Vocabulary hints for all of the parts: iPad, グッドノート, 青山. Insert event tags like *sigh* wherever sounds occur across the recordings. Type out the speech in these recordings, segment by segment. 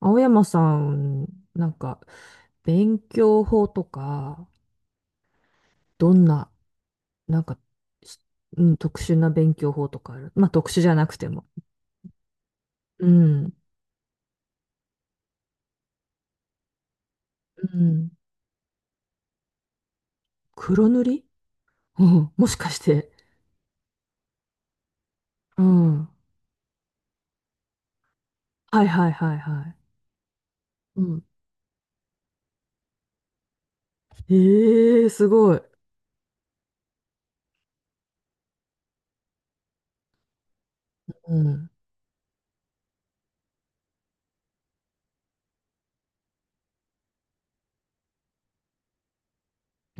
青山さん、なんか、勉強法とか、どんな、なんか、しうん、特殊な勉強法とかある？まあ、特殊じゃなくても。うん。うん。黒塗り。うん。*laughs* もしかして。うん。はいはいはいはい。うん。ええー、すごい。うん。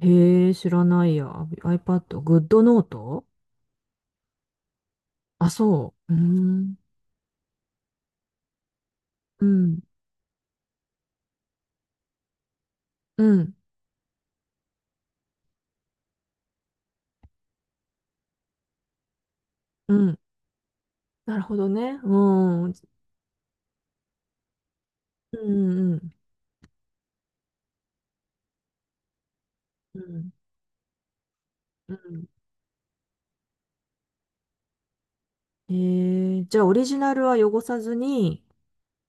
ええー、知らないや。iPad、グッドノート。あ、そう。うーん。うん。うん。うん。なるほどね。うん。うんうん。うん。うん。じゃあオリジナルは汚さずに、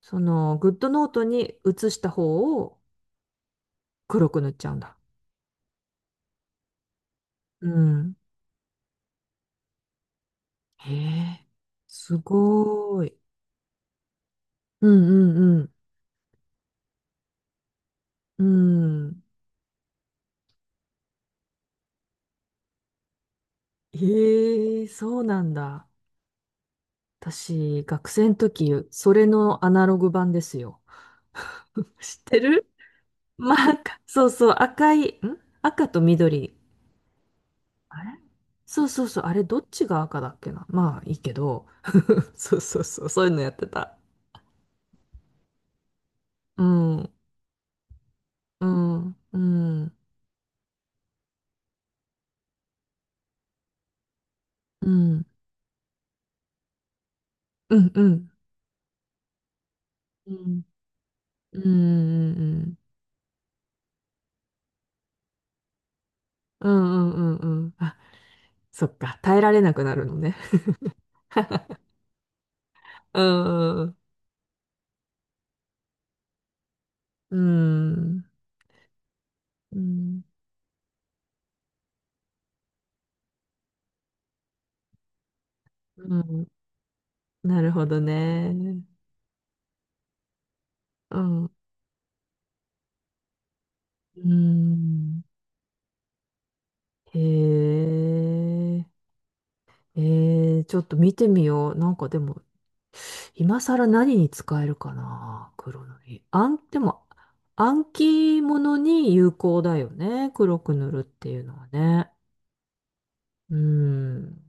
そのグッドノートに写した方を黒く塗っちゃうんだ。うん。へえ、すごーい。うんうんうん。うん。へえ、そうなんだ。私、学生の時、それのアナログ版ですよ。*laughs* 知ってる？まあ、赤そうそう、赤い、赤と緑。あれ、そうそうそう、あれどっちが赤だっけな。まあいいけど。*laughs* そうそうそう、そういうのやってた。うん、うん、うん、うん、うん、うん、うん、うん、うん、うん、うん、うん、あ、そっか、耐えられなくなるのね。うん、うん、うん、うん、なるほどね。うん、うん、へえ、ちょっと見てみよう。なんかでも、今更何に使えるかな、黒塗り。あ、でも、暗記物に有効だよね、黒く塗るっていうのはね。うん。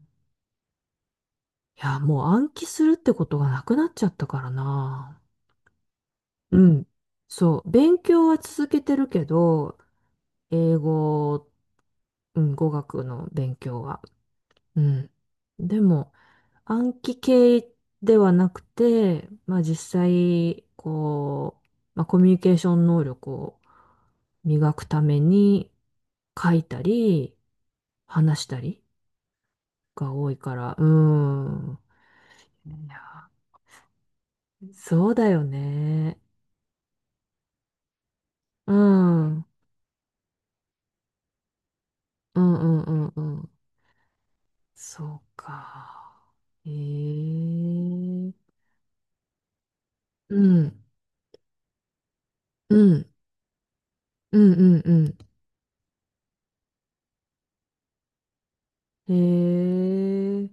いや、もう暗記するってことがなくなっちゃったからな。うん。そう、勉強は続けてるけど、英語、うん、語学の勉強は。うん。でも、暗記系ではなくて、まあ実際、こう、まあ、コミュニケーション能力を磨くために書いたり、話したりが多いから、うん。いや、そうだよね。うん。うんうんうんうん。そうか。ええ、うん。うん。うんうんうん。ええ、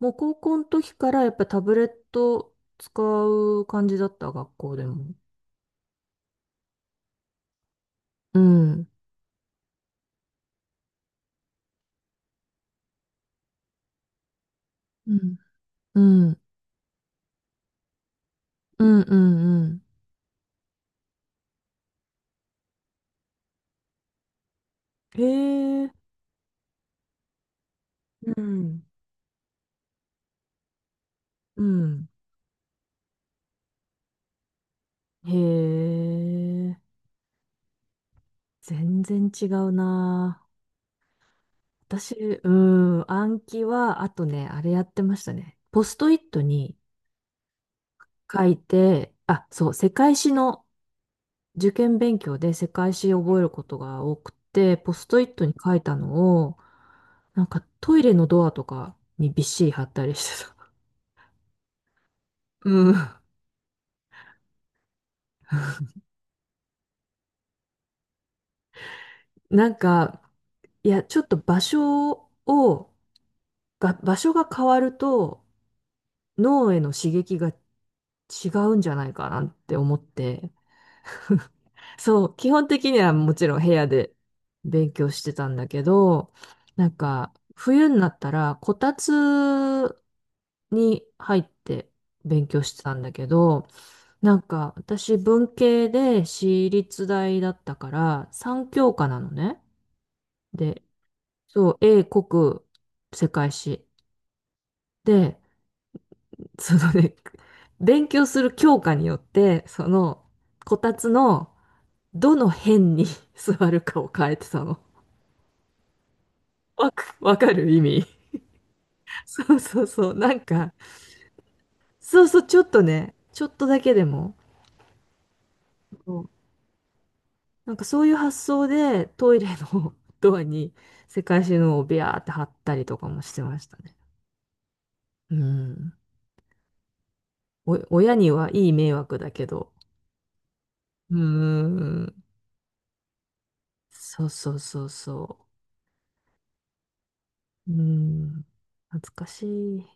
もう高校の時からやっぱタブレット使う感じだった、学校でも？うん。うん。うん。うんうんうん。ええ、うん。うん。へえ。全然違うな。私、うん。暗記は、あとね、あれやってましたね。ポストイットに書いて、あ、そう、世界史の受験勉強で世界史を覚えることが多くて、ポストイットに書いたのを、なんかトイレのドアとかにびっしり貼ったりしてた。うん。なんか、いや、ちょっとを、場所が変わると、脳への刺激が違うんじゃないかなって思って、そう、基本的にはもちろん部屋で勉強してたんだけど、なんか冬になったらこたつに入って勉強してたんだけど、なんか私文系で私立大だったから三教科なのね。で、そう、英国世界史。で、そのね、勉強する教科によって、その、こたつのどの辺に *laughs* 座るかを変えてたの。*laughs* わかる、意味？*laughs* そうそうそう。なんか、そうそう、ちょっとね、ちょっとだけでも、そう、なんかそういう発想でトイレの *laughs* ドアに世界中のをビャーって貼ったりとかもしてましたね。うん。親にはいい迷惑だけど。うん。そうそうそうそう。うん。懐かしい。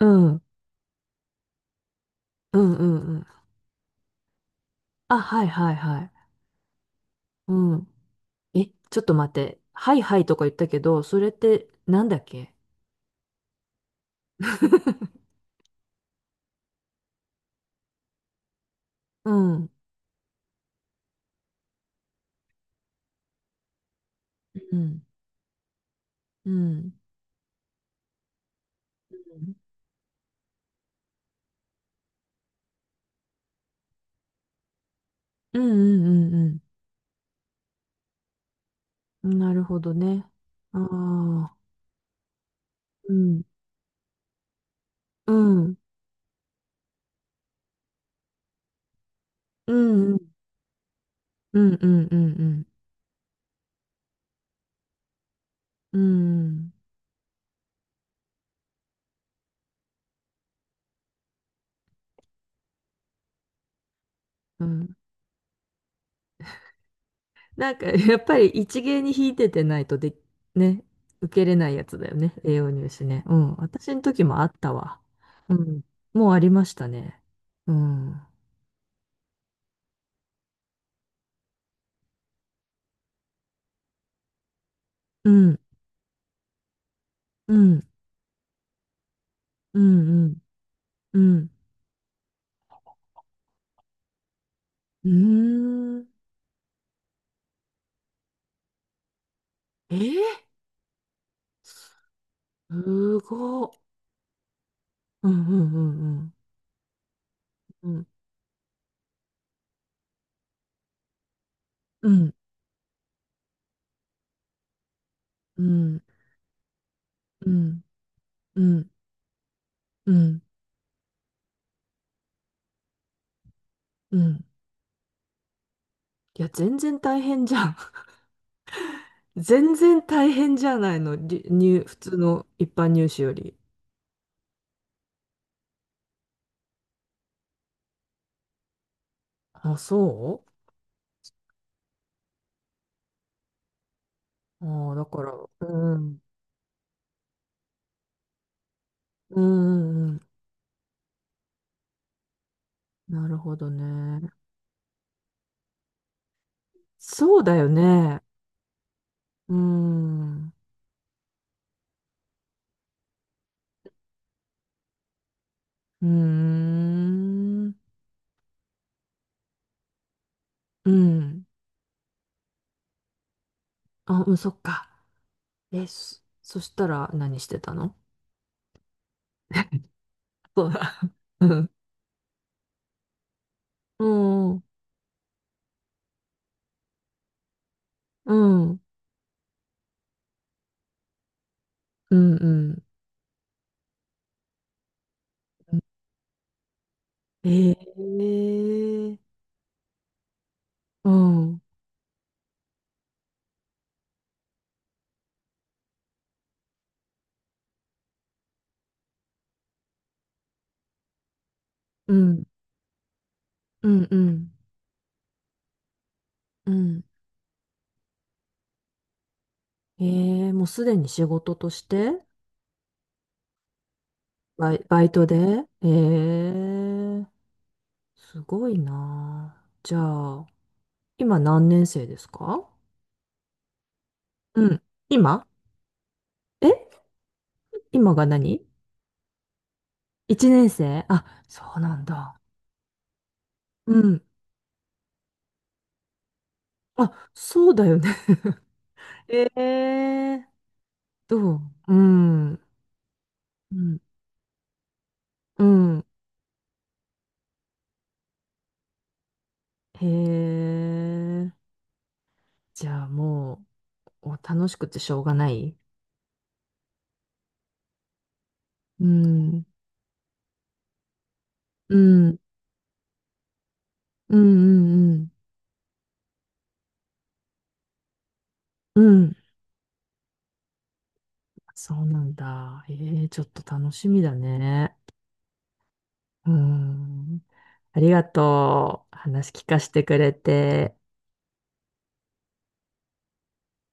うん、うん、うん、うん。あ、はい、はい、はい。うん。え、ちょっと待って。はい、はいとか言ったけど、それってなんだっけ？ *laughs* うん、うん、うん。うん、うん、うん、うん。なるほどね。ああ、うん、うん、うん、うん、うん、うん、うん、うん、うん、うん、なんか、やっぱり一芸に引いててないとで、ね、受けれないやつだよね。栄養入試ね。うん。私の時もあったわ。うん。もうありましたね。うん。うん。うん。うん。うん。うん。うーん。えー、すごっ。うんうんうんうん。うんうんうんうんうんうん。いや、全然大変じゃん。*laughs* 全然大変じゃないの？普通の一般入試より。あ、そう。ああ、だから、うん、うん、うん、なるほどね。そうだよね。うん、うーん、うん。あ、うん、そっか。え、そしたら何してたの？そうだ。*laughs* うん、うん、うん、うん、うん。ええ、うん、うん、うん、うん、うん。ええ、もうすでに仕事として？バイトで、ええ、すごいなあ。じゃあ、今何年生ですか？うん。今？え今が何？一年生？あ、そうなんだ。うん。あ、そうだよね。*laughs* ええ、どう、うん。うん。うん。へえ。じゃあもう、お楽しくてしょうがない？うん。うん。うんうんうん。うん。そうなんだ。ええ、ちょっと楽しみだね。うん。ありがとう。話聞かせてくれて。